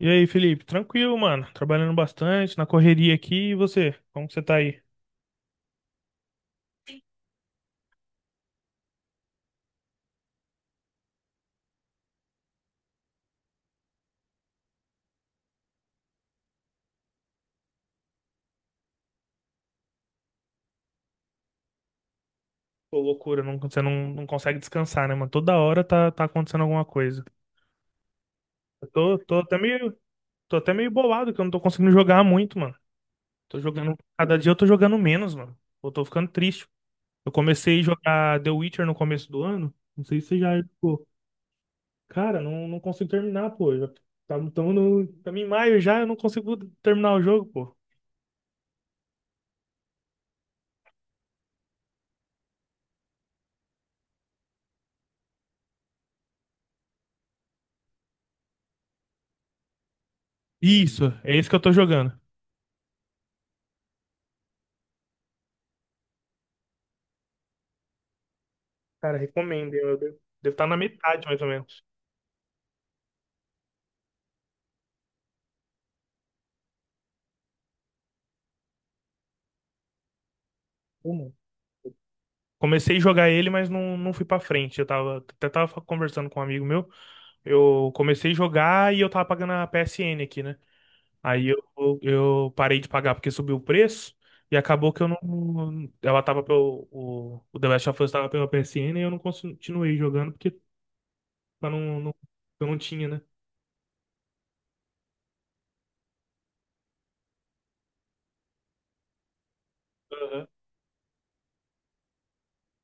E aí, Felipe? Tranquilo, mano. Trabalhando bastante, na correria aqui. E você? Como que você tá aí? Pô, loucura, não, você não consegue descansar, né, mano? Toda hora tá acontecendo alguma coisa. Eu tô até meio bolado que eu não tô conseguindo jogar muito, mano. Tô jogando, cada dia eu tô jogando menos, mano. Eu tô ficando triste. Eu comecei a jogar The Witcher no começo do ano. Não sei se você já jogou. Cara, não consigo terminar, pô. Já, tá, tamo no, tamo em maio já, eu não consigo terminar o jogo, pô. Isso, é isso que eu tô jogando. Cara, recomendo. Eu devo estar na metade, mais ou menos. Como? Comecei a jogar ele, mas não fui pra frente. Até tava conversando com um amigo meu. Eu comecei a jogar e eu tava pagando a PSN aqui, né? Aí eu parei de pagar porque subiu o preço. E acabou que eu não. Ela tava pelo. O The Last of Us tava pela PSN e eu não continuei jogando porque pra não, eu não tinha, né? Aham.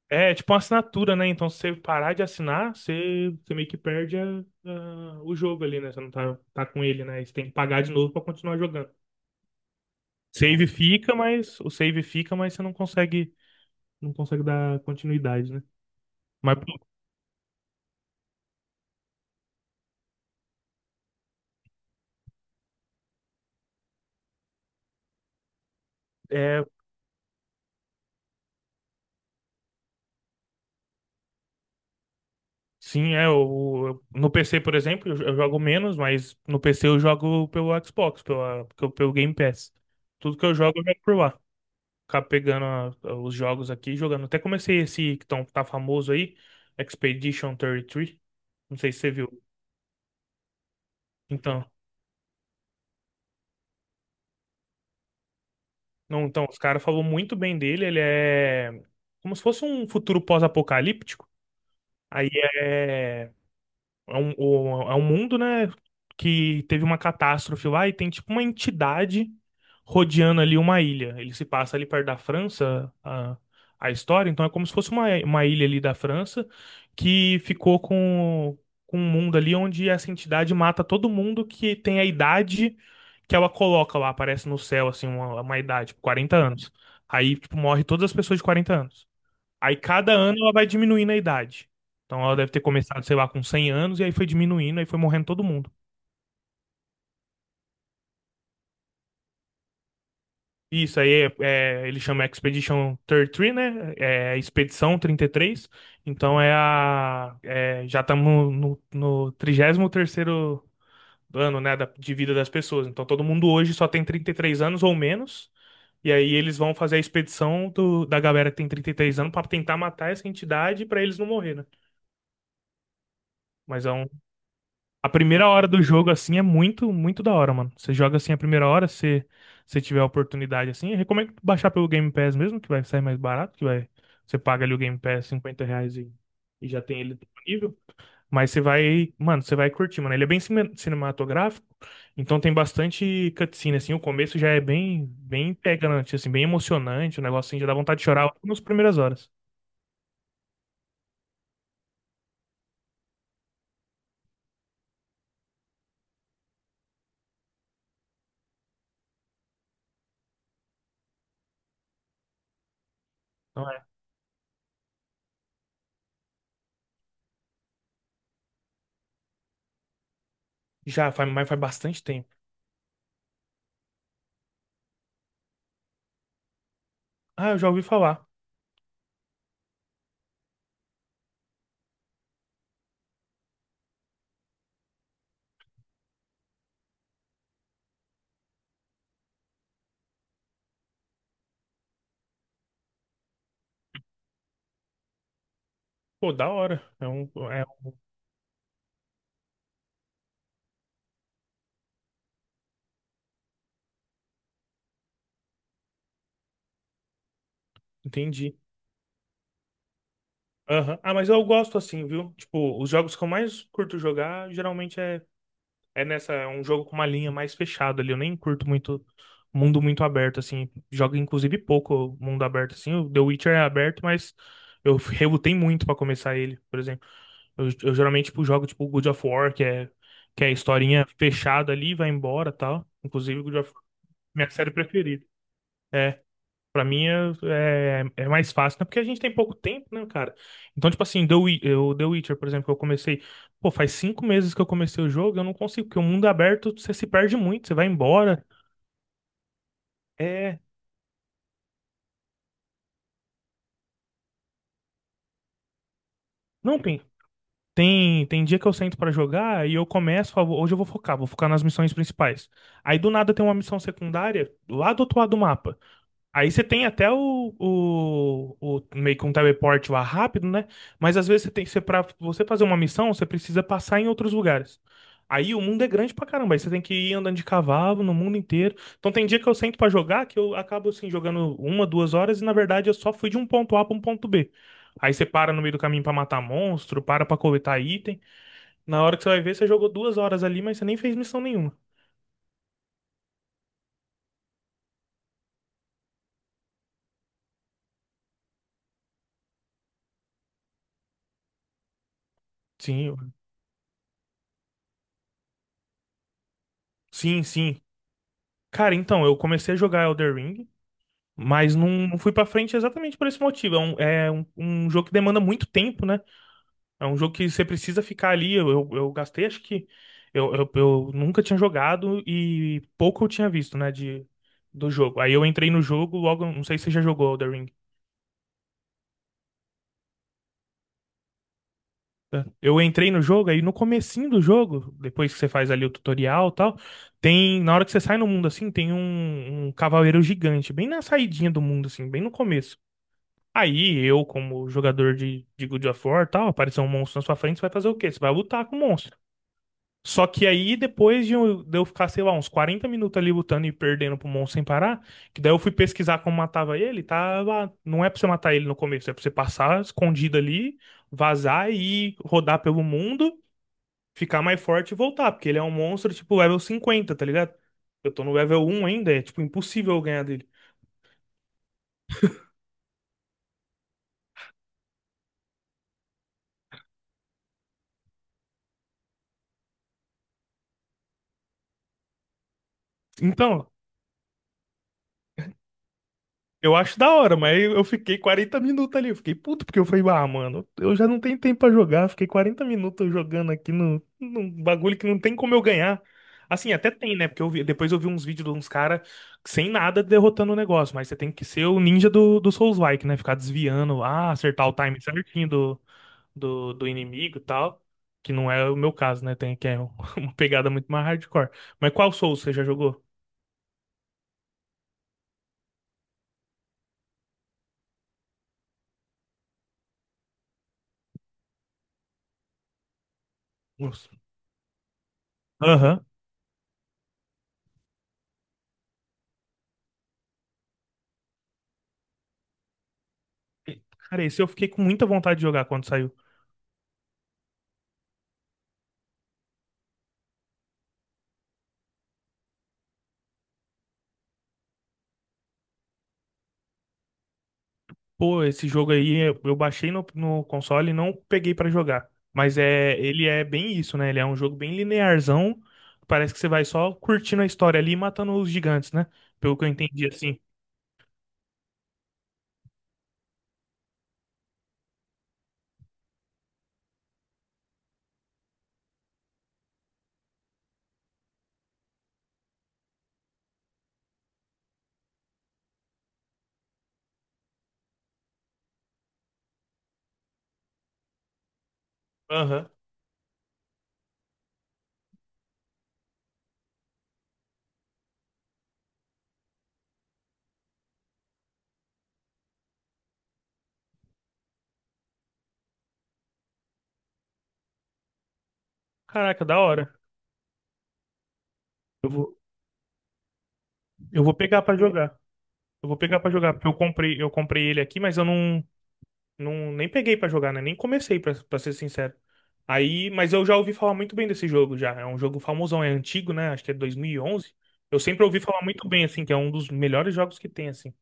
É, tipo uma assinatura, né? Então, se você parar de assinar, você meio que perde o jogo ali, né? Você não tá com ele, né? Você tem que pagar de novo pra continuar jogando. Save fica, mas o save fica, mas você não consegue dar continuidade, né? Mas pô, é, sim, no PC, por exemplo, eu jogo menos, mas no PC eu jogo pelo Xbox, pelo Game Pass. Tudo que eu jogo por lá. Acabo pegando os jogos aqui e jogando. Até comecei esse que tá famoso aí, Expedition 33. Não sei se você viu. Então, não, então os caras falam muito bem dele. Ele é como se fosse um futuro pós-apocalíptico. Aí é. é um, o- é um mundo, né, que teve uma catástrofe lá e tem tipo uma entidade rodeando ali uma ilha. Ele se passa ali perto da França, a história, então é como se fosse uma ilha ali da França que ficou com um mundo ali onde essa entidade mata todo mundo que tem a idade que ela coloca lá, aparece no céu, assim, uma idade, tipo, 40 anos. Aí, tipo, morre todas as pessoas de 40 anos. Aí cada ano ela vai diminuindo a idade. Então ela deve ter começado, sei lá, com 100 anos, e aí foi diminuindo, aí foi morrendo todo mundo. Isso aí é, ele chama Expedition 33, né? É Expedição 33. Então, já estamos no 33º ano, né, de vida das pessoas. Então todo mundo hoje só tem 33 anos ou menos. E aí eles vão fazer a expedição da galera que tem 33 anos para tentar matar essa entidade para eles não morrer, né? Mas é um, a primeira hora do jogo, assim, é muito, muito da hora, mano. Você joga assim a primeira hora, se você tiver a oportunidade, assim. Eu recomendo baixar pelo Game Pass mesmo, que vai sair mais barato, que vai. Você paga ali o Game Pass R$ 50 e já tem ele disponível. Mas você vai, mano, você vai curtir, mano. Ele é bem cinematográfico, então tem bastante cutscene, assim. O começo já é bem, bem pegante, assim, bem emocionante. O negócio assim, já dá vontade de chorar logo nas primeiras horas. Então é. Já, faz bastante tempo. Ah, eu já ouvi falar. Pô, da hora. É um. Entendi. Aham. Ah, mas eu gosto assim, viu? Tipo, os jogos que eu mais curto jogar geralmente é um jogo com uma linha mais fechada ali. Eu nem curto muito mundo muito aberto, assim. Jogo, inclusive, pouco mundo aberto, assim. O The Witcher é aberto, mas eu relutei muito pra começar ele, por exemplo. Eu geralmente, tipo, jogo, tipo, God of War, que é a historinha fechada ali, vai embora e tal. Inclusive, God of War, é minha série preferida. É. Pra mim é mais fácil, né? Porque a gente tem pouco tempo, né, cara? Então, tipo assim, The Witcher, por exemplo, que eu comecei. Pô, faz 5 meses que eu comecei o jogo, eu não consigo, porque o mundo aberto você se perde muito, você vai embora. É. Não, tem. Tem dia que eu sento pra jogar e eu começo, falo, hoje eu vou focar nas missões principais. Aí do nada tem uma missão secundária lá do outro lado do mapa. Aí você tem até meio que um teleporte lá rápido, né? Mas às vezes você tem você para você fazer uma missão, você precisa passar em outros lugares. Aí o mundo é grande pra caramba, aí você tem que ir andando de cavalo no mundo inteiro. Então tem dia que eu sento pra jogar que eu acabo assim jogando uma, 2 horas e na verdade eu só fui de um ponto A pra um ponto B. Aí você para no meio do caminho pra matar monstro, para pra coletar item. Na hora que você vai ver, você jogou 2 horas ali, mas você nem fez missão nenhuma. Sim, sim, sim. Cara, então, eu comecei a jogar Elder Ring. Mas não fui pra frente exatamente por esse motivo. É um jogo que demanda muito tempo, né? É um jogo que você precisa ficar ali. Eu gastei, acho que. Eu nunca tinha jogado e pouco eu tinha visto, né? Do jogo. Aí eu entrei no jogo logo. Não sei se você já jogou Elden Ring. Tá? Eu entrei no jogo, aí no comecinho do jogo, depois que você faz ali o tutorial e tal, tem. Na hora que você sai no mundo assim, tem um cavaleiro gigante, bem na saidinha do mundo, assim, bem no começo. Aí eu, como jogador de God of War, e tal, aparecer um monstro na sua frente, você vai fazer o quê? Você vai lutar com o monstro. Só que aí, depois de eu ficar, sei lá, uns 40 minutos ali lutando e perdendo pro monstro sem parar, que daí eu fui pesquisar como matava ele, tá lá. Não é pra você matar ele no começo, é pra você passar escondido ali, vazar e ir rodar pelo mundo, ficar mais forte e voltar, porque ele é um monstro tipo level 50, tá ligado? Eu tô no level 1 ainda, é tipo impossível eu ganhar dele. Então, eu acho da hora, mas eu fiquei 40 minutos ali. Eu fiquei puto porque eu falei, ah, mano, eu já não tenho tempo pra jogar. Fiquei 40 minutos jogando aqui num bagulho que não tem como eu ganhar. Assim, até tem, né? Porque eu depois eu vi uns vídeos de uns caras sem nada derrotando o negócio. Mas você tem que ser o ninja do Souls-like, né? Ficar desviando, ah, acertar o time certinho do inimigo e tal. Que não é o meu caso, né? Tem que é uma pegada muito mais hardcore. Mas qual Souls você já jogou? Nossa. Aham. Cara, esse eu fiquei com muita vontade de jogar quando saiu. Pô, esse jogo aí eu baixei no console e não peguei pra jogar. Mas é, ele é bem isso, né? Ele é um jogo bem linearzão. Parece que você vai só curtindo a história ali e matando os gigantes, né? Pelo que eu entendi assim. Aham. Caraca, da hora. Eu vou, eu vou pegar pra jogar. Eu vou pegar pra jogar, porque eu comprei ele aqui, mas eu não. Não, nem peguei pra jogar, né? Nem comecei, pra ser sincero. Aí, mas eu já ouvi falar muito bem desse jogo já. É um jogo famosão, é antigo, né? Acho que é 2011. Eu sempre ouvi falar muito bem, assim, que é um dos melhores jogos que tem, assim.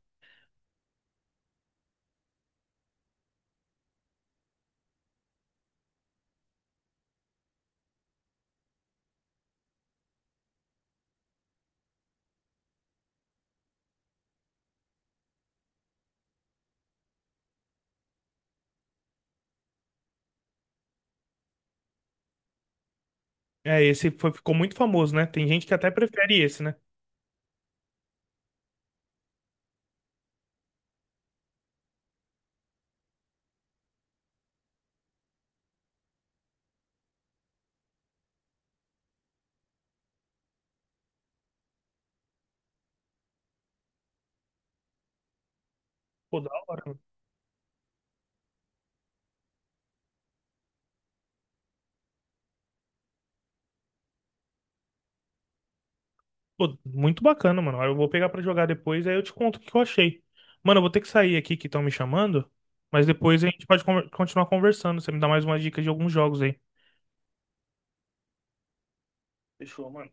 É, esse ficou muito famoso, né? Tem gente que até prefere esse, né? Pô, da hora, mano. Pô, muito bacana, mano. Eu vou pegar pra jogar depois, aí eu te conto o que eu achei. Mano, eu vou ter que sair aqui que estão me chamando, mas depois a gente pode continuar conversando. Você me dá mais umas dicas de alguns jogos aí. Fechou, mano.